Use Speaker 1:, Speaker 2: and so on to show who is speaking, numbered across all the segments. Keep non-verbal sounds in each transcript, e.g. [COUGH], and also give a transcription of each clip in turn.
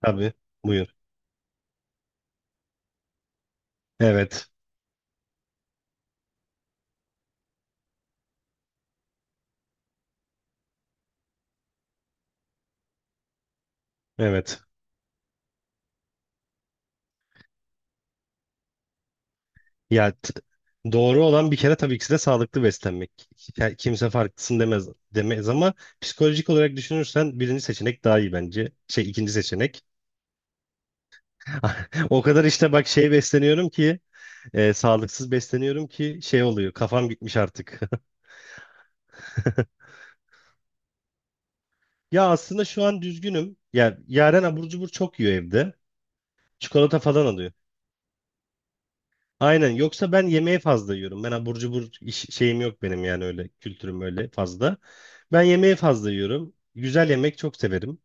Speaker 1: Tabii. Buyur. Evet. Evet. Ya t- doğru olan bir kere tabii ki de sağlıklı beslenmek. Kimse farklısın demez ama psikolojik olarak düşünürsen birinci seçenek daha iyi bence. İkinci seçenek. [LAUGHS] O kadar işte bak besleniyorum ki sağlıksız besleniyorum ki şey oluyor. Kafam gitmiş artık. [LAUGHS] Ya aslında şu an düzgünüm. Ya Yaren abur cubur çok yiyor evde. Çikolata falan alıyor. Aynen. Yoksa ben yemeği fazla yiyorum. Ben abur cubur şeyim yok benim, yani öyle kültürüm öyle fazla. Ben yemeği fazla yiyorum. Güzel yemek çok severim.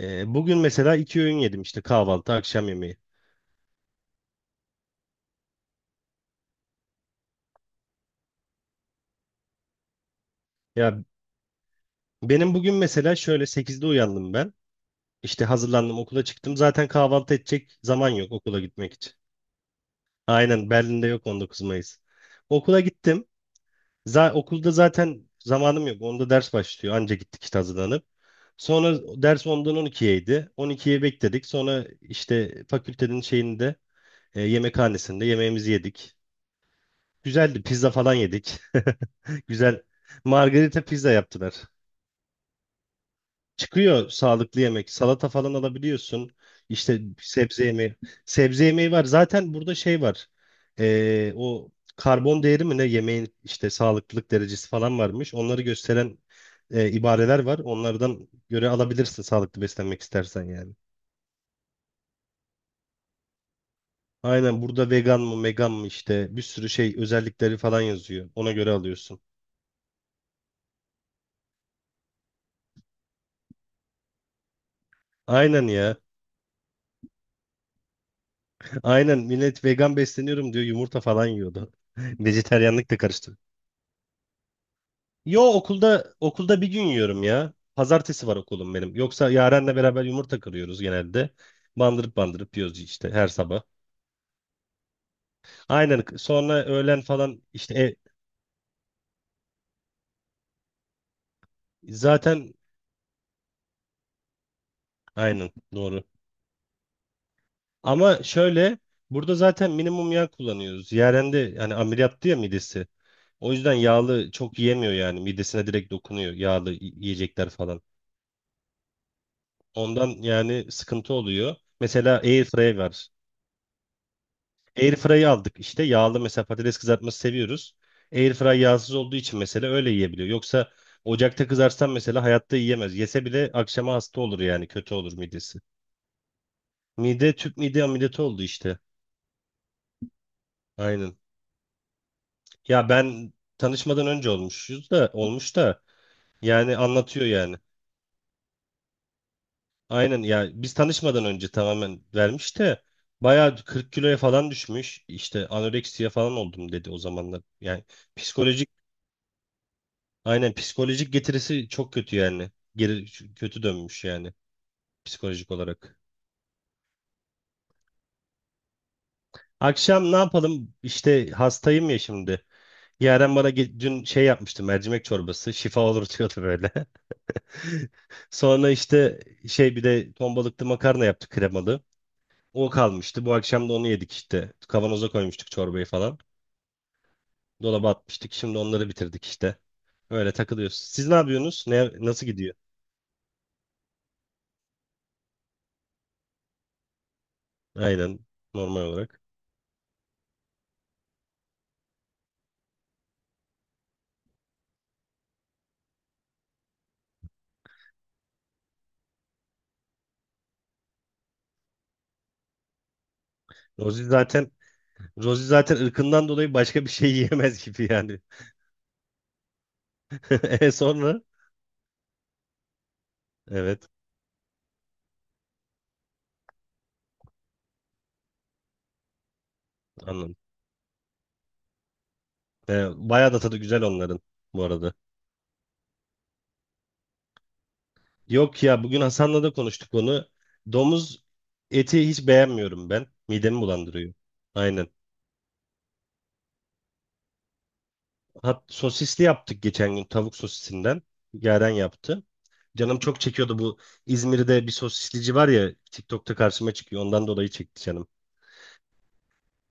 Speaker 1: Bugün mesela iki öğün yedim işte, kahvaltı, akşam yemeği. Ya benim bugün mesela şöyle sekizde uyandım ben. İşte hazırlandım, okula çıktım. Zaten kahvaltı edecek zaman yok okula gitmek için. Aynen, Berlin'de yok 19 Mayıs. Okula gittim. Okulda zaten zamanım yok. Onda ders başlıyor. Anca gittik işte hazırlanıp. Sonra ders 10'dan 12'yeydi. 12'ye bekledik. Sonra işte fakültenin şeyinde, yemekhanesinde yemeğimizi yedik. Güzeldi. Pizza falan yedik. [LAUGHS] Güzel. Margarita pizza yaptılar. Çıkıyor sağlıklı yemek. Salata falan alabiliyorsun. İşte sebze yemeği. Sebze yemeği var. Zaten burada şey var. O karbon değeri mi ne yemeğin, işte sağlıklılık derecesi falan varmış. Onları gösteren ibareler var. Onlardan göre alabilirsin sağlıklı beslenmek istersen yani. Aynen, burada vegan mı megan mı işte bir sürü şey özellikleri falan yazıyor. Ona göre alıyorsun. Aynen ya. Aynen millet vegan besleniyorum diyor yumurta falan yiyordu. [LAUGHS] Vejeteryanlık da karıştı. Yo okulda bir gün yiyorum ya. Pazartesi var okulum benim. Yoksa Yaren'le beraber yumurta kırıyoruz genelde. Bandırıp yiyoruz işte her sabah. Aynen sonra öğlen falan işte zaten aynen doğru. Ama şöyle, burada zaten minimum yağ kullanıyoruz. Yaren de hani ameliyattı ya midesi. O yüzden yağlı çok yiyemiyor yani. Midesine direkt dokunuyor yağlı yiyecekler falan. Ondan yani sıkıntı oluyor. Mesela airfryer var. Airfry'ı aldık işte. Yağlı mesela patates kızartması seviyoruz. Airfry yağsız olduğu için mesela öyle yiyebiliyor. Yoksa ocakta kızarsan mesela hayatta yiyemez. Yese bile akşama hasta olur, yani kötü olur midesi. Mide, tüp mide ameliyatı oldu işte. Aynen. Ya ben tanışmadan önce olmuş da yani anlatıyor yani. Aynen ya, biz tanışmadan önce tamamen vermiş de bayağı 40 kiloya falan düşmüş. İşte anoreksiye falan oldum dedi o zamanlar. Yani psikolojik Aynen psikolojik getirisi çok kötü yani. Kötü dönmüş yani psikolojik olarak. Akşam ne yapalım? İşte hastayım ya şimdi. Yaren bana dün şey yapmıştı, mercimek çorbası. Şifa olur diyordu böyle. [LAUGHS] Sonra işte bir de ton balıklı makarna yaptık kremalı. O kalmıştı. Bu akşam da onu yedik işte. Kavanoza koymuştuk çorbayı falan. Dolaba atmıştık. Şimdi onları bitirdik işte. Öyle takılıyoruz. Siz ne yapıyorsunuz? Nasıl gidiyor? Aynen normal olarak. Rozi zaten Rosie zaten ırkından dolayı başka bir şey [LAUGHS] yiyemez gibi yani. [LAUGHS] E sonra? Evet, anladım. Bayağı da tadı güzel onların bu arada. Yok ya, bugün Hasan'la da konuştuk onu. Domuz eti hiç beğenmiyorum ben. Midemi bulandırıyor. Aynen. Hat sosisli yaptık geçen gün tavuk sosisinden. Yaren yaptı. Canım çok çekiyordu bu, İzmir'de bir sosislici var ya TikTok'ta karşıma çıkıyor. Ondan dolayı çekti canım.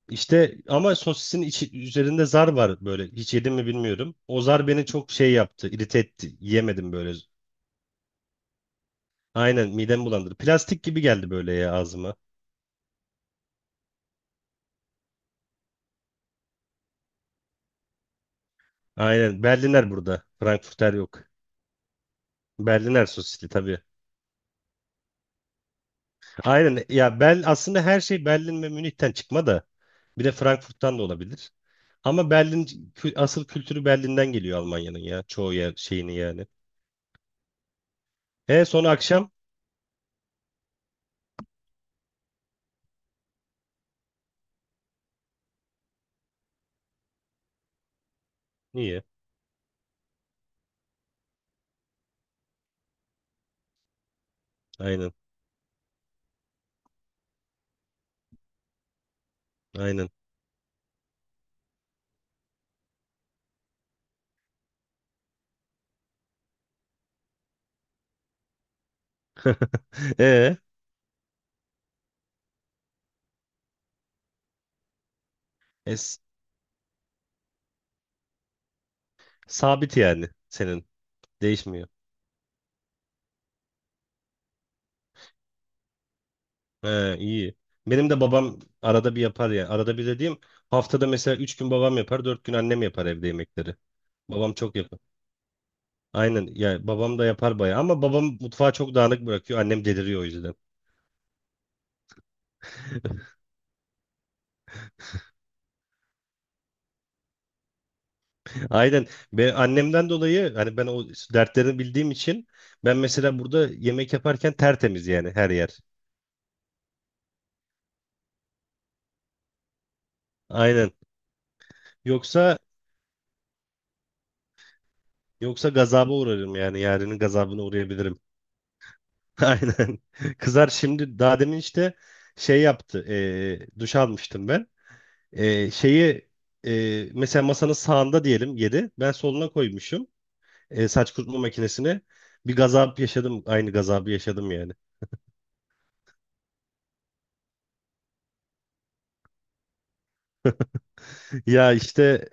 Speaker 1: İşte ama sosisin içi, üzerinde zar var böyle. Hiç yedim mi bilmiyorum. O zar beni çok şey yaptı, irite etti. Yiyemedim böyle. Aynen midem bulandırdı. Plastik gibi geldi böyle ya ağzıma. Aynen Berliner burada. Frankfurter yok. Berliner sosisli tabii. Aynen ya, aslında her şey Berlin ve Münih'ten çıkma da bir de Frankfurt'tan da olabilir. Ama asıl kültürü Berlin'den geliyor Almanya'nın ya. Çoğu yer şeyini yani. E sonra akşam? İyi. Aynen. Aynen. [LAUGHS] E, e, Sabit yani senin. Değişmiyor. He, iyi. Benim de babam arada bir yapar ya. Arada bir dediğim, haftada mesela 3 gün babam yapar, 4 gün annem yapar evde yemekleri. Babam çok yapar. Aynen ya, babam da yapar bayağı ama babam mutfağı çok dağınık bırakıyor. Annem deliriyor o yüzden. [LAUGHS] Aynen. Ben annemden dolayı hani ben o dertlerini bildiğim için ben mesela burada yemek yaparken tertemiz yani her yer. Aynen. Yoksa yoksa gazaba uğrarım yani, yarının gazabına uğrayabilirim. [LAUGHS] Aynen. Kızar şimdi, daha demin işte şey yaptı. Duş almıştım ben. E, şeyi Mesela masanın sağında diyelim yedi. Ben soluna koymuşum, saç kurutma makinesini. Bir gazap yaşadım. Aynı gazabı yaşadım yani. [LAUGHS] Ya işte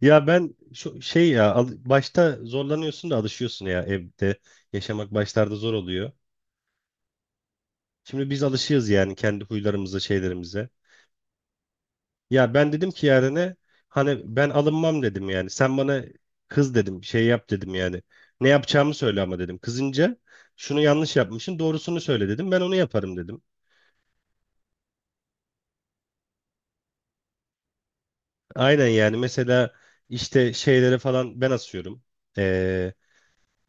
Speaker 1: Ya ben şu şey ya al- başta zorlanıyorsun da alışıyorsun ya evde. Yaşamak başlarda zor oluyor. Şimdi biz alışığız yani kendi huylarımıza, şeylerimize. Ya ben dedim ki Yaren'e, hani ben alınmam dedim yani. Sen bana kız dedim, şey yap dedim yani. Ne yapacağımı söyle ama dedim. Kızınca şunu yanlış yapmışsın, doğrusunu söyle dedim. Ben onu yaparım dedim. Aynen yani mesela işte şeyleri falan ben asıyorum. Ee,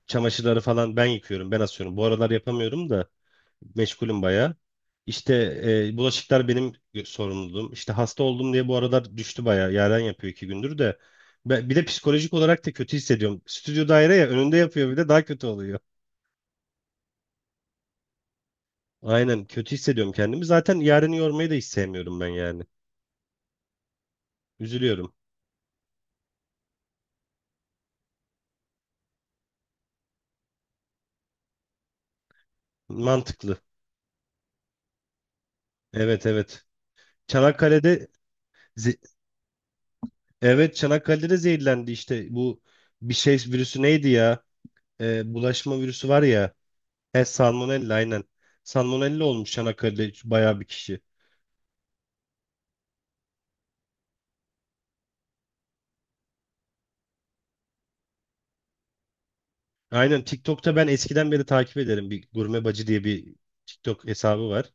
Speaker 1: Çamaşırları falan ben yıkıyorum, ben asıyorum. Bu aralar yapamıyorum da. Meşgulüm bayağı. İşte Bulaşıklar benim sorumluluğum. İşte hasta oldum diye bu aralar düştü bayağı. Yaren yapıyor iki gündür de. Bir de psikolojik olarak da kötü hissediyorum. Stüdyo daire ya, önünde yapıyor bir de, daha kötü oluyor. Aynen kötü hissediyorum kendimi. Zaten Yaren'i yormayı da hiç sevmiyorum ben yani. Üzülüyorum. Mantıklı. Evet, evet. Çanakkale'de ze- evet, Çanakkale'de de zehirlendi işte bu, bir şey virüsü neydi ya? Bulaşma virüsü var ya. He, Salmonella aynen. Salmonella olmuş Çanakkale'de bayağı bir kişi. Aynen TikTok'ta ben eskiden beri takip ederim. Bir Gurme Bacı diye bir TikTok hesabı var.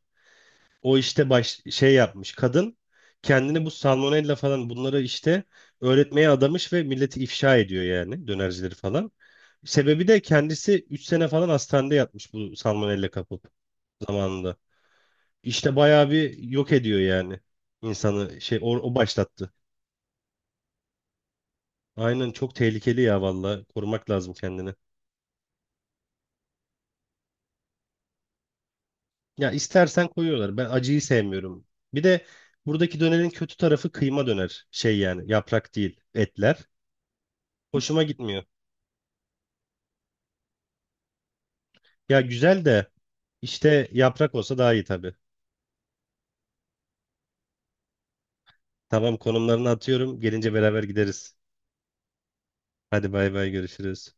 Speaker 1: O işte şey yapmış. Kadın kendini bu salmonella falan bunları işte öğretmeye adamış ve milleti ifşa ediyor yani, dönercileri falan. Sebebi de kendisi 3 sene falan hastanede yatmış bu salmonella kapıp zamanında. İşte bayağı bir yok ediyor yani insanı, o başlattı. Aynen çok tehlikeli ya valla. Korumak lazım kendini. Ya istersen koyuyorlar. Ben acıyı sevmiyorum. Bir de buradaki dönerin kötü tarafı kıyma döner. Şey yani yaprak değil etler. Hoşuma gitmiyor. Ya güzel de işte yaprak olsa daha iyi tabii. Tamam, konumlarını atıyorum. Gelince beraber gideriz. Hadi bay bay görüşürüz.